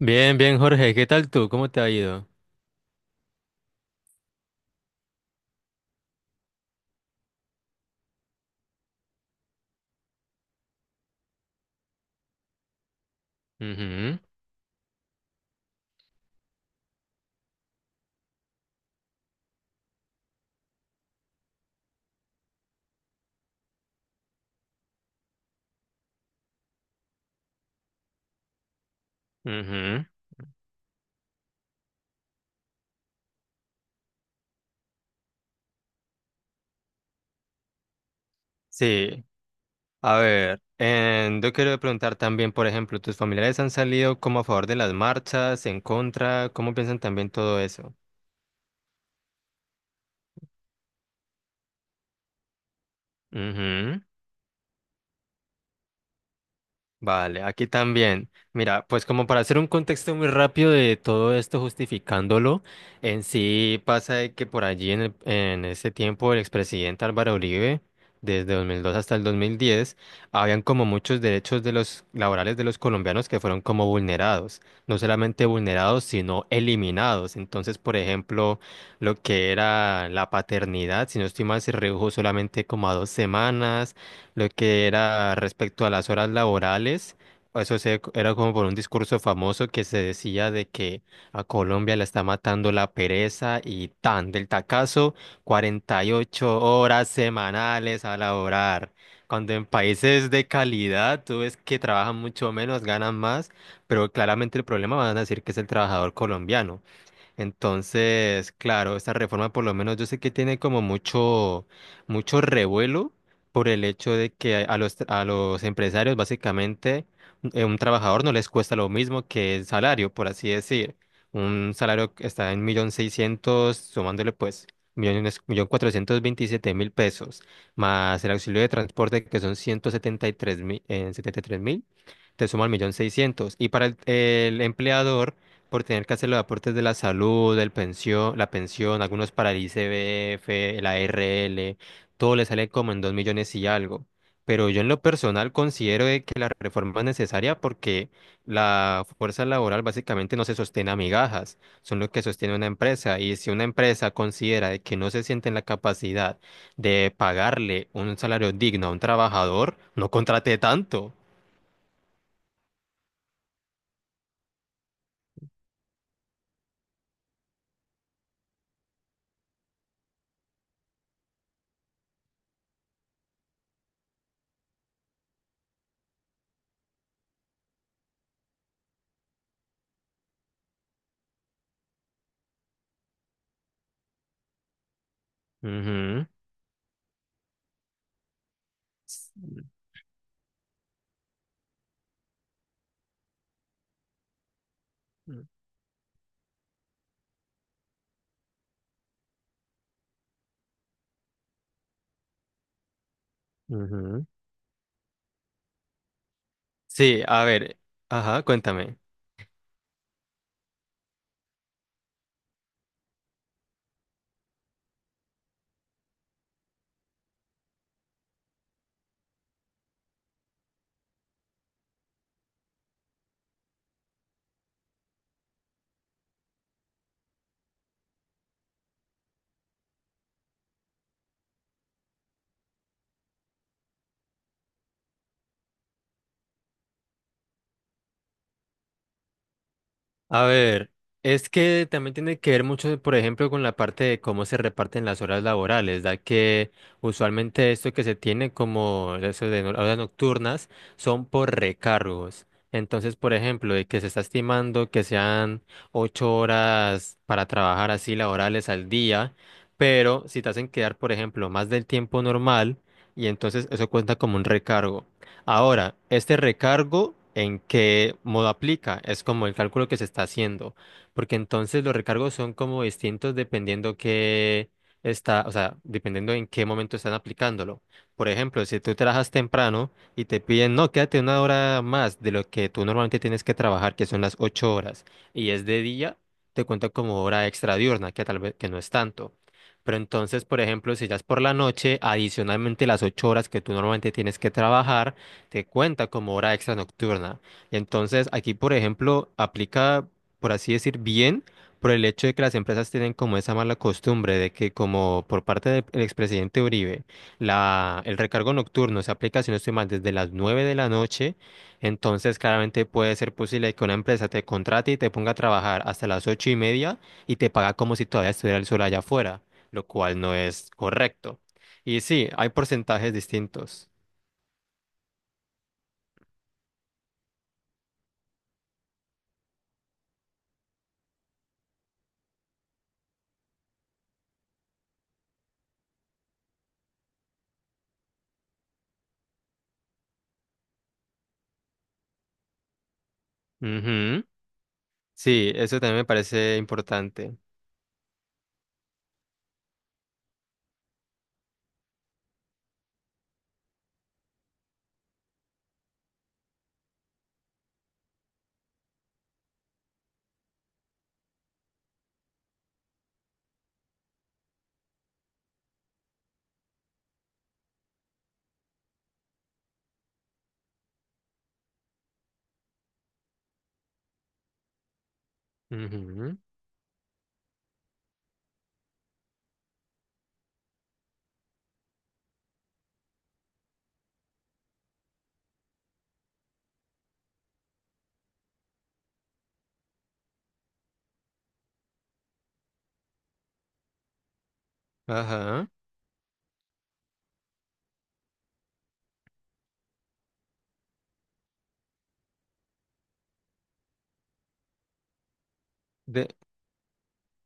Bien, bien, Jorge, ¿qué tal tú? ¿Cómo te ha ido? Ujú, ujú. Sí, a ver, yo quiero preguntar también, por ejemplo, ¿tus familiares han salido como a favor de las marchas, en contra? ¿Cómo piensan también todo eso? Ujú. Vale, aquí también. Mira, pues como para hacer un contexto muy rápido de todo esto justificándolo, en sí pasa de que por allí en ese tiempo el expresidente Álvaro Uribe, desde 2002 hasta el 2010, habían como muchos derechos de los laborales de los colombianos que fueron como vulnerados, no solamente vulnerados, sino eliminados. Entonces, por ejemplo, lo que era la paternidad, si no estoy mal, se redujo solamente como a dos semanas lo que era respecto a las horas laborales. Era como por un discurso famoso que se decía de que a Colombia la está matando la pereza y tan del tacazo, 48 horas semanales a laborar. Cuando en países de calidad tú ves que trabajan mucho menos, ganan más, pero claramente el problema van a decir que es el trabajador colombiano. Entonces, claro, esta reforma por lo menos yo sé que tiene como mucho, mucho revuelo por el hecho de que a los empresarios básicamente un trabajador no les cuesta lo mismo que el salario, por así decir. Un salario que está en millón seiscientos, sumándole pues millones, 1.427.000 pesos, más el auxilio de transporte que son 173.000, 73.000, te suman millón seiscientos. Y para el empleador por tener que hacer los aportes de la salud, el pensión, la pensión, algunos para el ICBF, la ARL, todo le sale como en dos millones y algo. Pero yo en lo personal considero de que la reforma es necesaria porque la fuerza laboral básicamente no se sostiene a migajas, son lo que sostiene una empresa. Y si una empresa considera de que no se siente en la capacidad de pagarle un salario digno a un trabajador, no contrate tanto. Ujú. Ujú. Sí, a ver, ajá, cuéntame. A ver, es que también tiene que ver mucho, por ejemplo, con la parte de cómo se reparten las horas laborales, da que usualmente esto que se tiene como eso de horas nocturnas son por recargos. Entonces, por ejemplo, de que se está estimando que sean ocho horas para trabajar así laborales al día, pero si te hacen quedar, por ejemplo, más del tiempo normal, y entonces eso cuenta como un recargo. Ahora, este recargo, ¿en qué modo aplica? Es como el cálculo que se está haciendo, porque entonces los recargos son como distintos dependiendo qué está, o sea, dependiendo en qué momento están aplicándolo. Por ejemplo, si tú trabajas temprano y te piden, no, quédate una hora más de lo que tú normalmente tienes que trabajar, que son las ocho horas, y es de día, te cuenta como hora extra diurna, que tal vez que no es tanto. Pero entonces, por ejemplo, si ya es por la noche, adicionalmente las ocho horas que tú normalmente tienes que trabajar, te cuenta como hora extra nocturna. Entonces, aquí, por ejemplo, aplica, por así decir, bien por el hecho de que las empresas tienen como esa mala costumbre de que como por parte del expresidente Uribe, el recargo nocturno se aplica, si no estoy mal, desde las 9 de la noche, entonces claramente puede ser posible que una empresa te contrate y te ponga a trabajar hasta las ocho y media y te paga como si todavía estuviera el sol allá afuera, lo cual no es correcto. Y sí, hay porcentajes distintos. Ujú. Sí, eso también me parece importante. Ujú, ajá. De-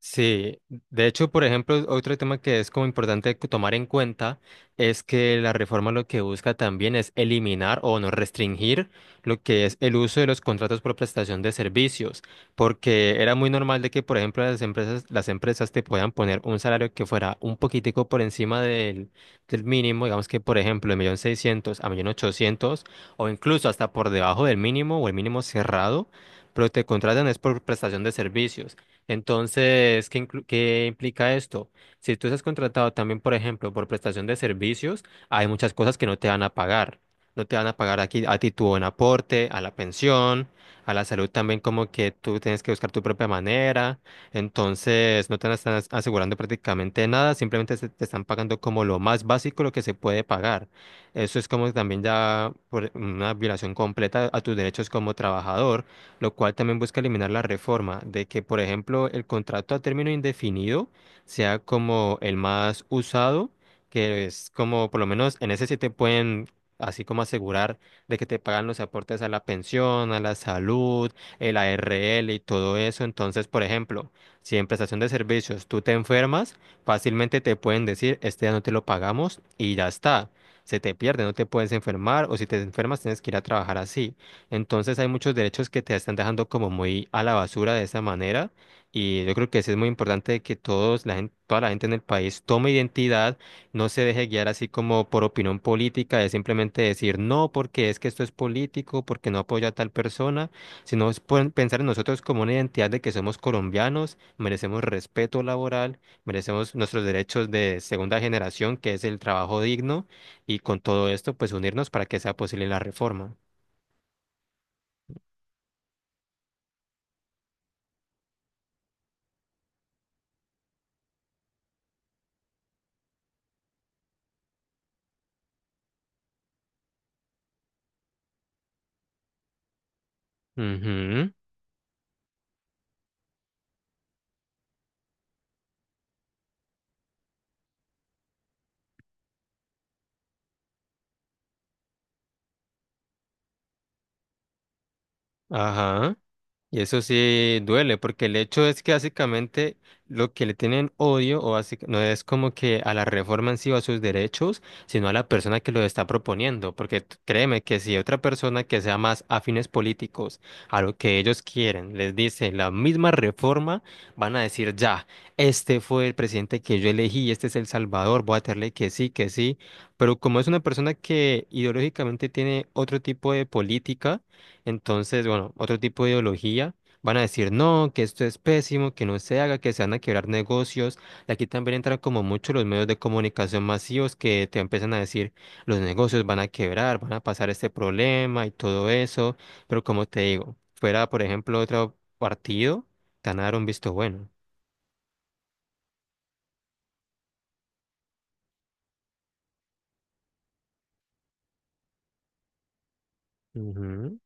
Sí, de hecho, por ejemplo, otro tema que es como importante tomar en cuenta es que la reforma lo que busca también es eliminar o no restringir lo que es el uso de los contratos por prestación de servicios, porque era muy normal de que, por ejemplo, las empresas te puedan poner un salario que fuera un poquitico por encima del mínimo, digamos que, por ejemplo, de un millón seiscientos a un millón ochocientos, o incluso hasta por debajo del mínimo o el mínimo cerrado, pero te contratan es por prestación de servicios. Entonces, ¿qué implica esto? Si tú estás contratado también, por ejemplo, por prestación de servicios, hay muchas cosas que no te van a pagar. No te van a pagar aquí a ti tu buen aporte, a la pensión, a la salud también como que tú tienes que buscar tu propia manera. Entonces, no te están asegurando prácticamente nada, simplemente te están pagando como lo más básico, lo que se puede pagar. Eso es como también ya por una violación completa a tus derechos como trabajador, lo cual también busca eliminar la reforma de que, por ejemplo, el contrato a término indefinido sea como el más usado, que es como, por lo menos en ese sí te pueden... así como asegurar de que te pagan los aportes a la pensión, a la salud, el ARL y todo eso. Entonces, por ejemplo, si en prestación de servicios tú te enfermas, fácilmente te pueden decir, este ya no te lo pagamos y ya está. Se te pierde, no te puedes enfermar o si te enfermas tienes que ir a trabajar así. Entonces hay muchos derechos que te están dejando como muy a la basura de esa manera y yo creo que sí es muy importante que todos la gente, toda la gente en el país tome identidad, no se deje guiar así como por opinión política de simplemente decir no porque es que esto es político, porque no apoya a tal persona, sino es pensar en nosotros como una identidad de que somos colombianos, merecemos respeto laboral, merecemos nuestros derechos de segunda generación, que es el trabajo digno y con todo esto pues unirnos para que sea posible la reforma. Ujú. Ajá, y eso sí duele, porque el hecho es que básicamente lo que le tienen odio o no es como que a la reforma en sí o a sus derechos, sino a la persona que lo está proponiendo, porque créeme que si otra persona que sea más afines políticos a lo que ellos quieren les dice la misma reforma, van a decir ya, este fue el presidente que yo elegí, este es El Salvador, voy a tenerle que sí, pero como es una persona que ideológicamente tiene otro tipo de política, entonces, bueno, otro tipo de ideología van a decir, no, que esto es pésimo, que no se haga, que se van a quebrar negocios. Y aquí también entran como mucho los medios de comunicación masivos que te empiezan a decir, los negocios van a quebrar, van a pasar este problema y todo eso. Pero como te digo, fuera, por ejemplo, otro partido, te van a dar un visto bueno. Ujú,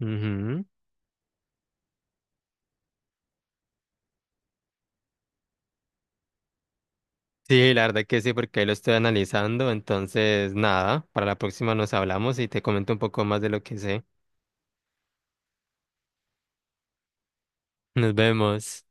ujú. Sí, la verdad que sí, porque ahí lo estoy analizando. Entonces, nada, para la próxima nos hablamos y te comento un poco más de lo que sé. Nos vemos.